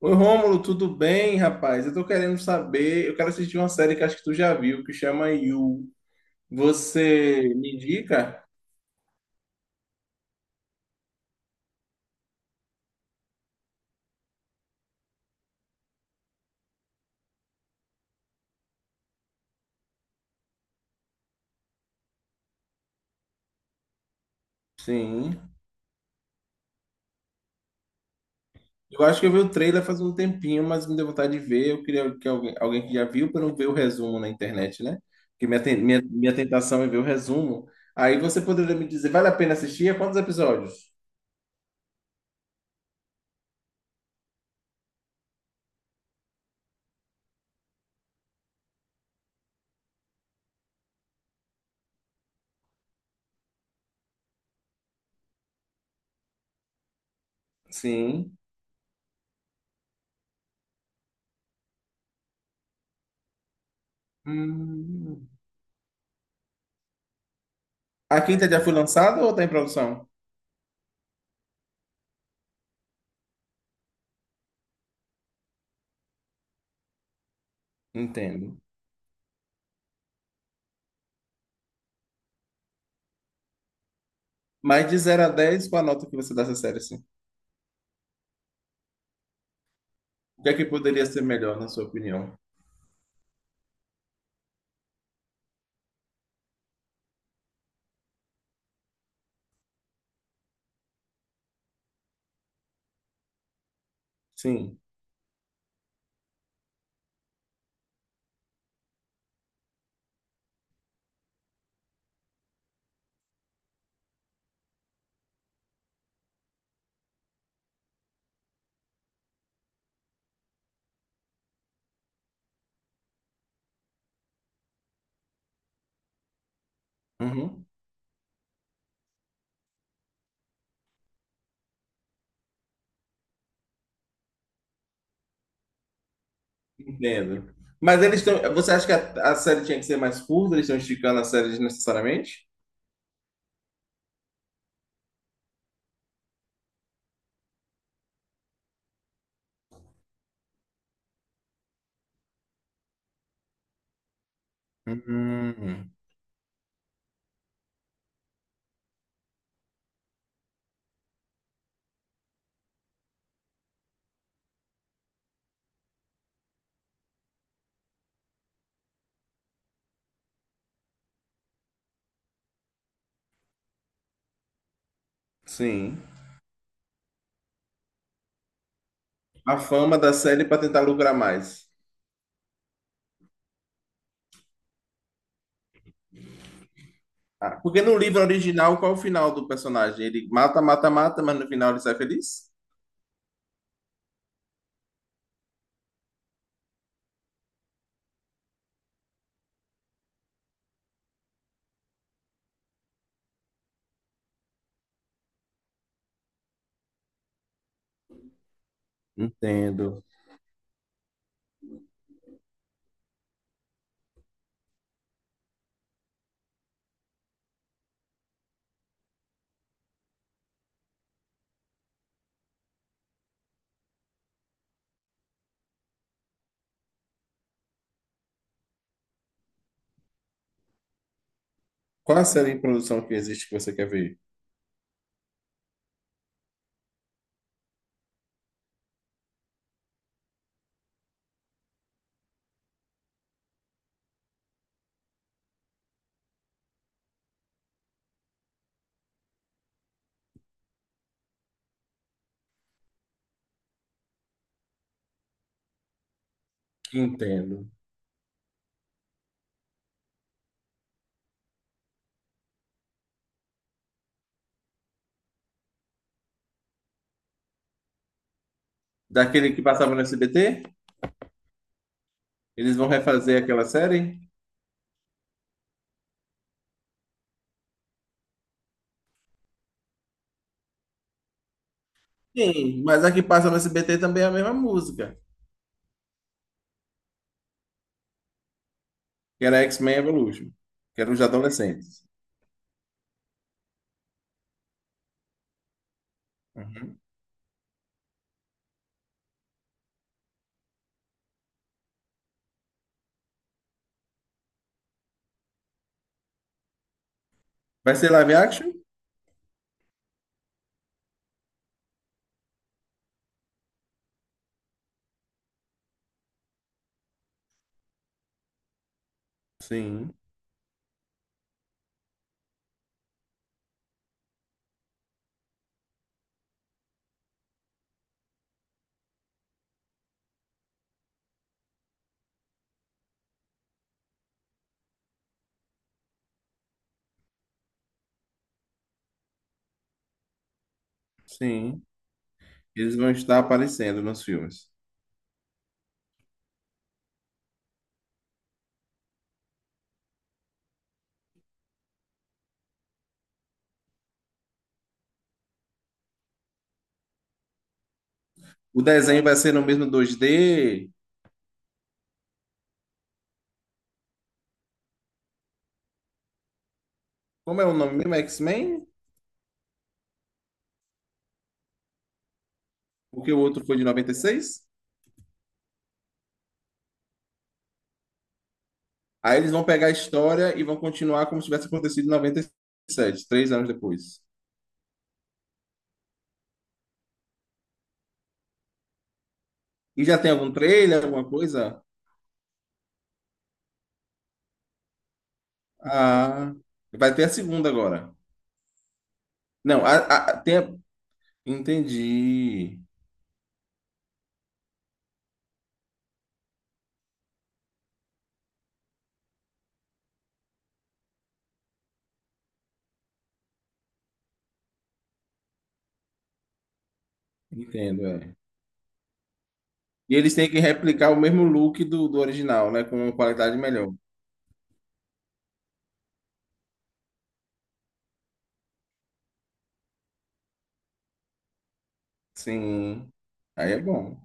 Oi, Rômulo, tudo bem, rapaz? Eu tô querendo saber, eu quero assistir uma série que acho que tu já viu, que chama You. Você me indica? Sim. Eu acho que eu vi o trailer faz um tempinho, mas me deu vontade de ver. Eu queria que alguém que já viu para não ver o resumo na internet, né? Porque minha tentação é ver o resumo. Aí você poderia me dizer, vale a pena assistir? A Quantos episódios? Sim. Hum. A quinta já foi lançada ou tá em produção? Entendo. Mas de 0 a 10, qual a nota que você dá essa série, assim? O que é que poderia ser melhor, na sua opinião? Sim. Uhum. Entendo. Mas eles estão. Você acha que a série tinha que ser mais curta? Eles estão esticando a série desnecessariamente? Hum. Sim. A fama da série para tentar lucrar mais. Ah, porque no livro original, qual é o final do personagem? Ele mata, mata, mata, mas no final ele sai feliz? Entendo. Qual a série em produção que existe que você quer ver? Entendo. Daquele que passava no SBT? Eles vão refazer aquela série? Sim, mas a que passa no SBT também é a mesma música, que era X-Men Evolution, que era os adolescentes. Uhum. Vai ser live action? Sim, sim. Eles vão estar aparecendo nos filmes. O desenho vai ser no mesmo 2D. Como é o nome mesmo? X-Men? Porque o outro foi de 96? Aí eles vão pegar a história e vão continuar como se tivesse acontecido em 97, 3 anos depois. E já tem algum trailer, alguma coisa? Ah, vai ter a segunda agora. Não, tem. Entendi. Entendo, é. E eles têm que replicar o mesmo look do, do original, né? Com uma qualidade melhor. Sim. Aí é bom.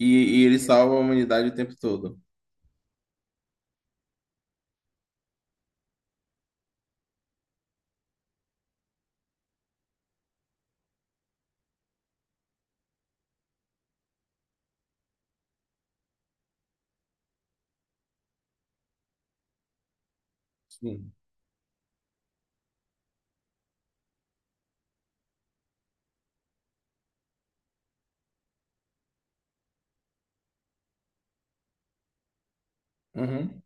E, e eles salvam a humanidade o tempo todo. Sim. Uhum.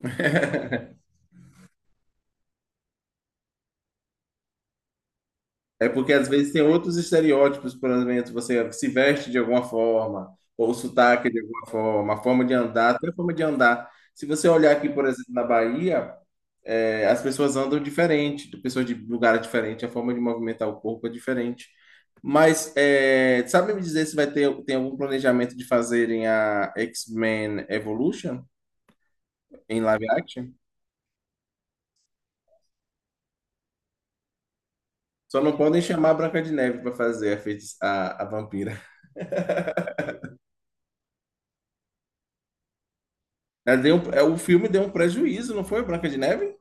É porque às vezes tem outros estereótipos, por exemplo, você se veste de alguma forma, ou o sotaque de alguma forma, a forma de andar, até a forma de andar. Se você olhar aqui, por exemplo, na Bahia, é, as pessoas andam diferente, de pessoas de lugar diferente, a forma de movimentar o corpo é diferente. Mas é, sabe me dizer se vai ter tem algum planejamento de fazerem a X-Men Evolution em live action? Só não podem chamar a Branca de Neve para fazer a vampira. O filme deu um prejuízo, não foi, Branca de Neve?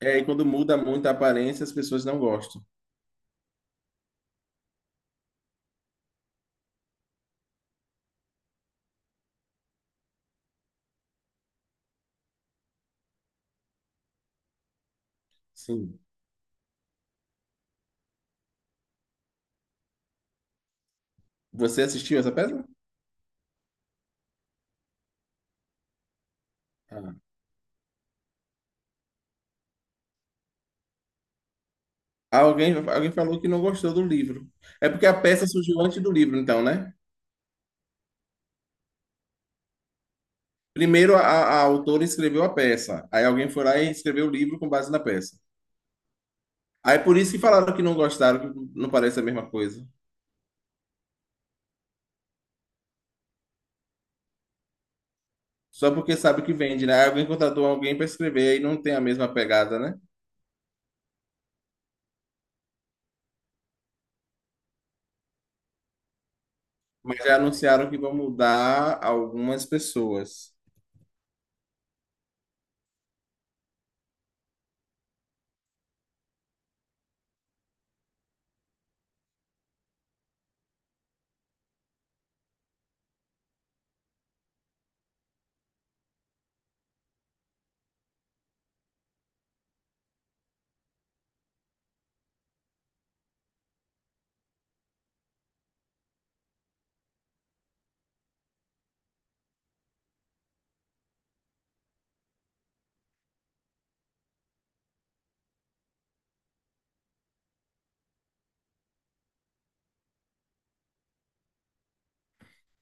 É, e quando muda muito a aparência, as pessoas não gostam. Sim. Você assistiu essa peça? Ah. Alguém, alguém falou que não gostou do livro. É porque a peça surgiu antes do livro, então, né? Primeiro, a autora escreveu a peça. Aí alguém foi lá e escreveu o livro com base na peça. Aí por isso que falaram que não gostaram, que não parece a mesma coisa. Só porque sabe que vende, né? Aí alguém contratou alguém para escrever e não tem a mesma pegada, né? Mas já anunciaram que vão mudar algumas pessoas.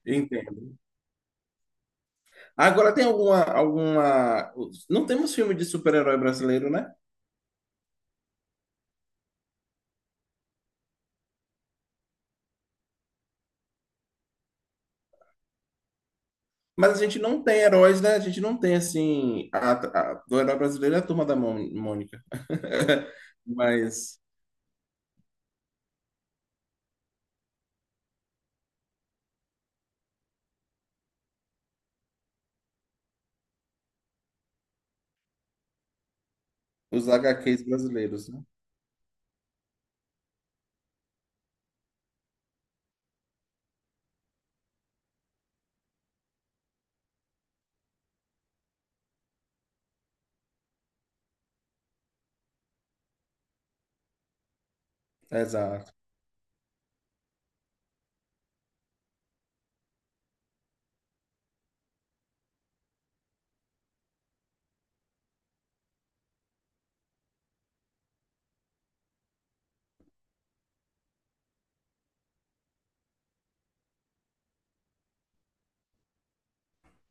Entendo. Agora tem alguma, alguma... Não temos filme de super-herói brasileiro, né? Mas a gente não tem heróis, né? A gente não tem, assim... Do herói brasileiro é a Turma da Mônica. Mas... Os HQs brasileiros, né? Exato.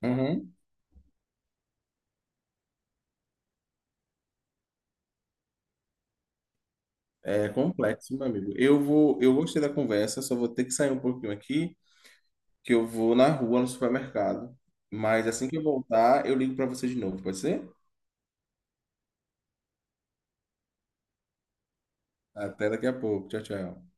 Uhum. É complexo, meu amigo. Eu vou, eu gostei da conversa, só vou ter que sair um pouquinho aqui, que eu vou na rua, no supermercado. Mas assim que eu voltar, eu ligo para você de novo, pode ser? Até daqui a pouco. Tchau, tchau.